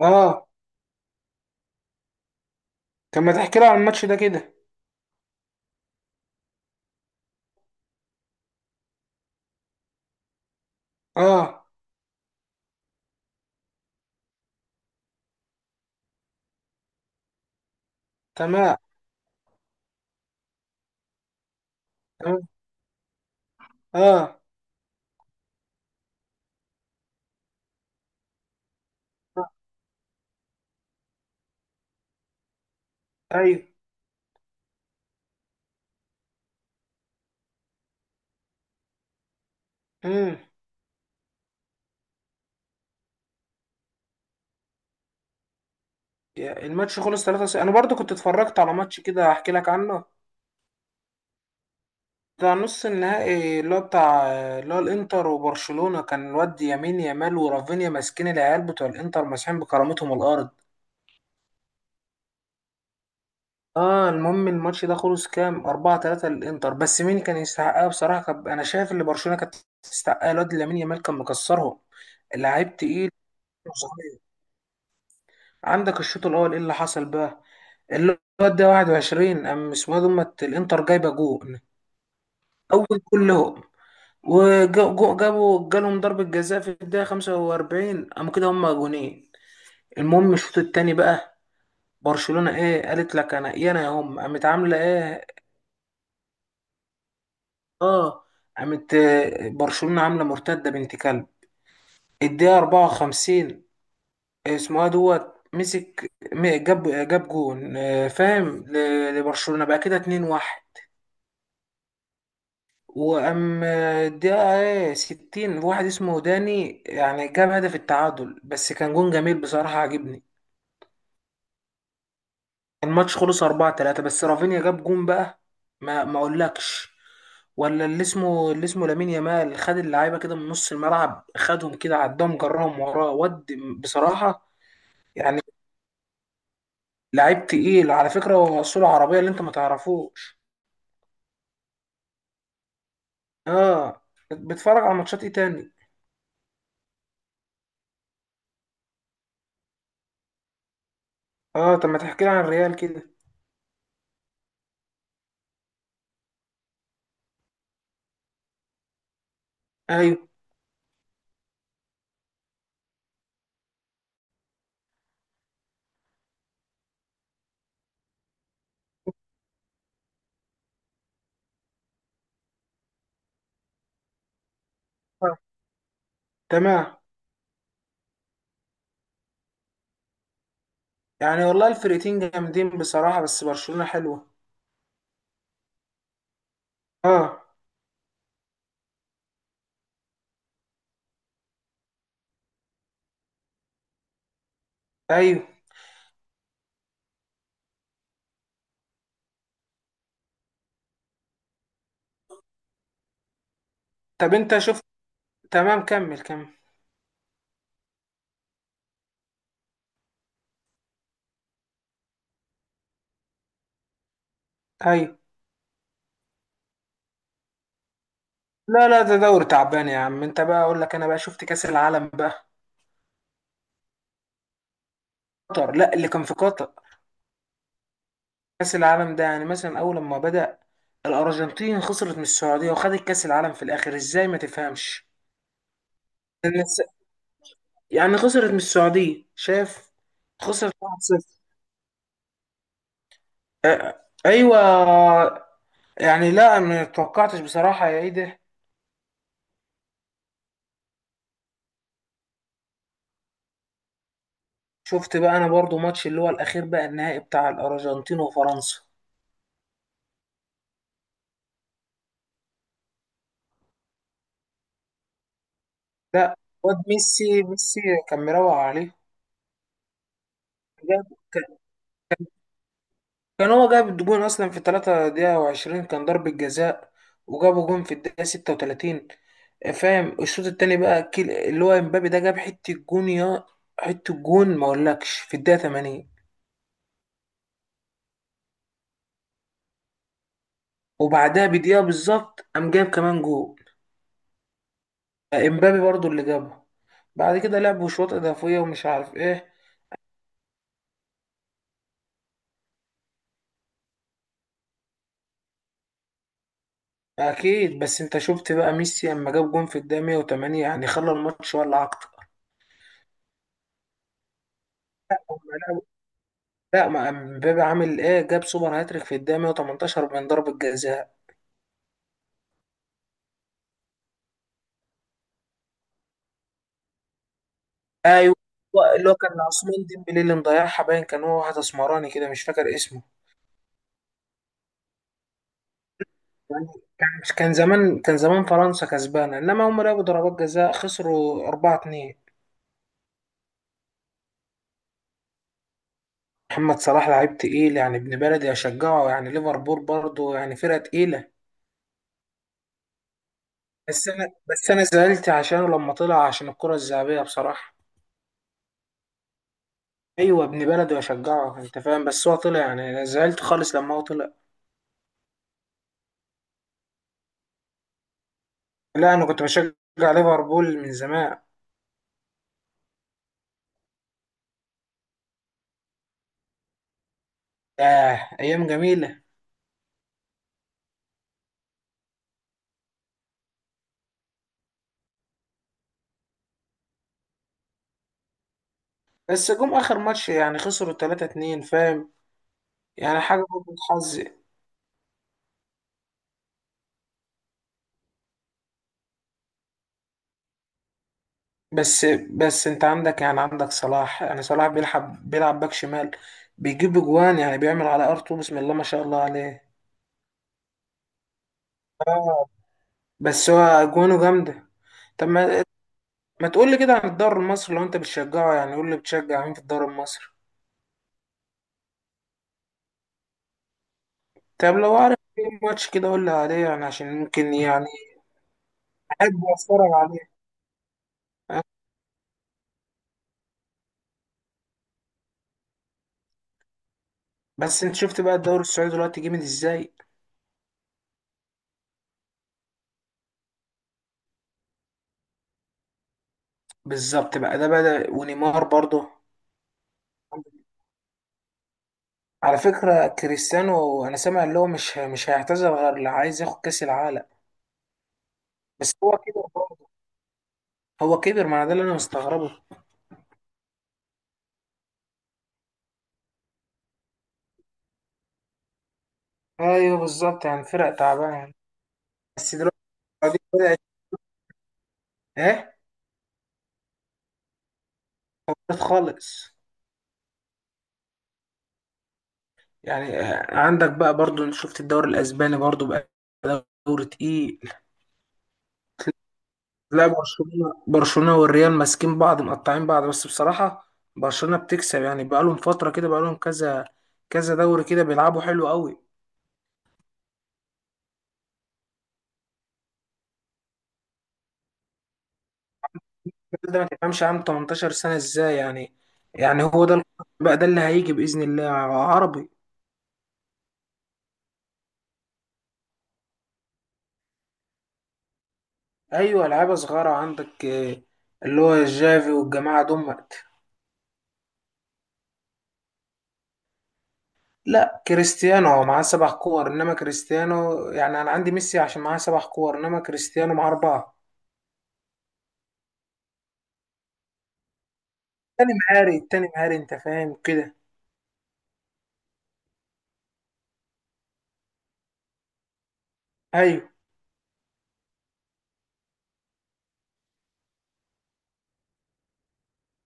اه. طب ما تحكي لي عن الماتش ده كده. اه. تمام. تمام. اه. ايوه. امم الماتش خلص 3، انا برضو كنت اتفرجت على ماتش كده، هحكي لك عنه. بتاع نص النهائي، اللي هو الانتر وبرشلونة. كان الواد يمين يامال ورافينيا ماسكين العيال بتوع الانتر، ماسحين بكرامتهم الارض. اه، المهم الماتش ده خلص كام؟ 4-3 للانتر. بس مين كان يستحقها؟ بصراحة، انا شايف ان برشلونة كانت تستحقها. الواد لامين يامال كان مكسرهم. لعيب تقيل. عندك الشوط الاول ايه اللي حصل بقى؟ الواد ده 21، قام اسمه إيه، دومت، الانتر جايبه جون اول كلهم، وجابوا جالهم ضربه جزاء في الدقيقه 45، قام كده هم جونين. المهم الشوط التاني بقى، برشلونه ايه قالت لك؟ انا يا انا يا هم. قامت عامله ايه؟ اه. قامت، برشلونه عامله مرتده بنت كلب. الدقيقه 54، اسمه إيه، دوت مسك، جاب جون. فاهم؟ لبرشلونه بقى كده 2-1. واما الدقيقة 60، واحد اسمه داني يعني، جاب هدف التعادل. بس كان جون جميل بصراحة، عجبني. الماتش خلص 4-3، بس رافينيا جاب جون بقى. ما اقولكش. ولا اللي اسمه لامين يامال. خد اللعيبة كده من نص الملعب، خدهم كده، عدهم، جرهم وراه، ود، بصراحة. يعني لعيب تقيل على فكرة، هو أصوله عربية اللي أنت ما تعرفوش. اه. بتتفرج على ماتشات إيه تاني؟ اه. طب ما تحكي لي عن الريال كده. أيوه. آه. تمام. يعني والله الفرقتين جامدين بصراحة، بس برشلونة حلوة. اه. ايوه. طب انت شفت؟ تمام، كمل كمل. ايوه. لا لا، ده دوري تعبان يا عم. انت بقى، اقول لك انا بقى شفت كأس العالم بقى. قطر. لا، اللي كان في قطر. كأس العالم ده يعني، مثلا اول لما بدأ الارجنتين خسرت من السعودية، وخدت كأس العالم في الاخر، ازاي ما تفهمش؟ الناس- يعني خسرت من السعودية، شاف. خسرت 1-0. آه، ايوه. يعني لا، ما توقعتش بصراحة، يا ايه ده. شفت بقى، انا برضو ماتش اللي هو الاخير بقى، النهائي بتاع الارجنتين وفرنسا. لا، واد ميسي ميسي كان مروق عليه. جاب كان كان هو جاب الجون اصلا في 3 دقيقة و20، كان ضربة جزاء. وجابوا جون في الدقيقة 36. فاهم؟ الشوط التاني بقى، اللي هو امبابي ده جاب حتة جون، يا حتة جون ما اقولكش في الدقيقة 80. وبعدها بدقيقة بالظبط، قام جاب كمان جون، امبابي برضو اللي جابه. بعد كده لعبوا شوط اضافيه، ومش عارف ايه. اكيد. بس انت شفت بقى، ميسي اما جاب جون في الدقيقه 108 يعني، خلى الماتش ولا اكتر. هما لعبوا- لا، ما امبابي عامل ايه؟ جاب سوبر هاتريك في الدقيقه 118 من ضربه جزاء. ايوه. هو اللي هو كان عثمان ديمبلي اللي مضيعها، باين كان هو، واحد اسمراني كده مش فاكر اسمه. يعني كان كان زمان فرنسا كسبانه، انما هم لعبوا ضربات جزاء، خسروا 4-2. محمد صلاح لعيب تقيل يعني، ابن بلدي اشجعه، يعني ليفربول برضه يعني فرقه تقيله. بس انا زعلت عشانه لما طلع، عشان الكرة الذهبية بصراحة. ايوه، ابن بلدي واشجعه انت فاهم، بس هو طلع يعني انا زعلت خالص لما هو طلع. لا، انا كنت بشجع ليفربول من زمان. آه، ايام جميلة. بس جم اخر ماتش يعني خسروا 3-2، فاهم؟ يعني حاجة برضه حظ. بس بس انت عندك يعني عندك صلاح، يعني صلاح بيلعب باك شمال، بيجيب اجوان يعني، بيعمل على ارتو، بسم الله ما شاء الله عليه. بس هو اجوانه جامدة. طب ما تقول لي كده عن الدوري المصري لو انت بتشجعه، يعني قول لي بتشجع مين في الدوري المصري. طب لو عارف ايه ماتش كده قول لي عليه، يعني عشان ممكن يعني احب اتفرج عليه. أه. بس انت شفت بقى الدوري السعودي دلوقتي جامد ازاي؟ بالظبط بقى، ده بدأ، ونيمار برضه. على فكرة كريستيانو، انا سامع اللي هو مش هيعتزل غير اللي عايز ياخد كأس العالم. بس هو كبر برضه. هو كبر، ما انا ده اللي انا مستغربه. ايوه بالظبط، يعني فرق تعبان يعني. بس دلوقتي السعودية بدأت. ايه. خالص. يعني عندك بقى برضو، أنا شفت الدوري الاسباني برضو بقى، دوري تقيل. لا، برشلونة والريال ماسكين بعض، مقطعين بعض، بس بصراحة برشلونة بتكسب، يعني بقالهم فترة كده، بقالهم كذا كذا دوري كده بيلعبوا حلو قوي. الراجل ده ما تفهمش، عام 18 سنة ازاي يعني؟ يعني هو ده بقى، ده اللي هيجي بإذن الله. عربي. ايوه لعيبة صغيرة عندك، اللي هو جافي والجماعة دول. لا، كريستيانو هو معاه سبع كور، انما كريستيانو، يعني انا عندي ميسي عشان معاه سبع كور، انما كريستيانو معاه اربعه. التاني مهاري انت فاهم كده. ايوه.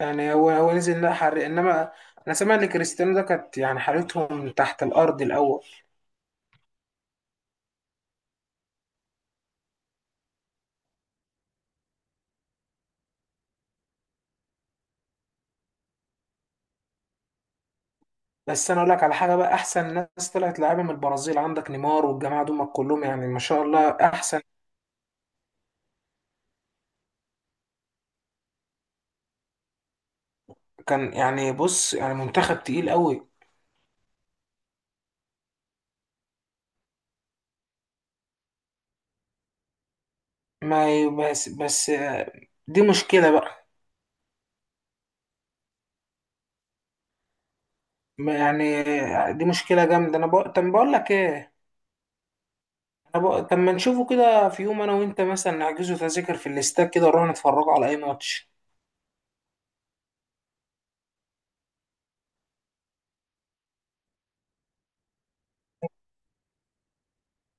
يعني هو نزل لا حرق، انما انا سامع ان كريستيانو ده كانت يعني حالتهم تحت الارض الاول. بس انا اقول لك على حاجه بقى، احسن ناس طلعت لعيبه من البرازيل، عندك نيمار والجماعه دول كلهم يعني ما شاء الله، احسن. كان يعني بص يعني، منتخب تقيل قوي. ما ي- بس دي مشكله بقى. يعني دي مشكلة جامدة. طب بقول لك إيه. طب ما نشوفه كده في يوم، أنا وأنت مثلا نحجزه تذاكر في الاستاد كده، نروح نتفرجوا على أي ماتش.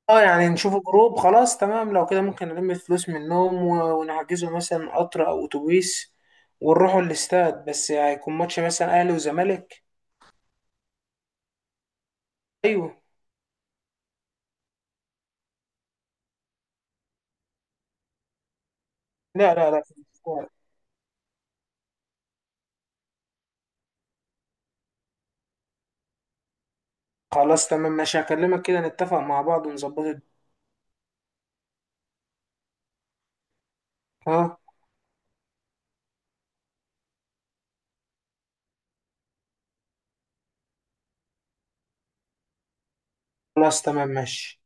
أه يعني نشوفه جروب، خلاص تمام، لو كده ممكن نلم الفلوس منهم و... ونحجزه مثلا قطر أو أتوبيس، ونروحوا الاستاد، بس هيكون ماتش مثلا أهلي وزمالك. أيوه. لا لا لا، في الاستاد. خلاص تمام ماشي، هكلمك كده نتفق مع بعض ونظبط الد-. أه. خلاص تمام ماشي.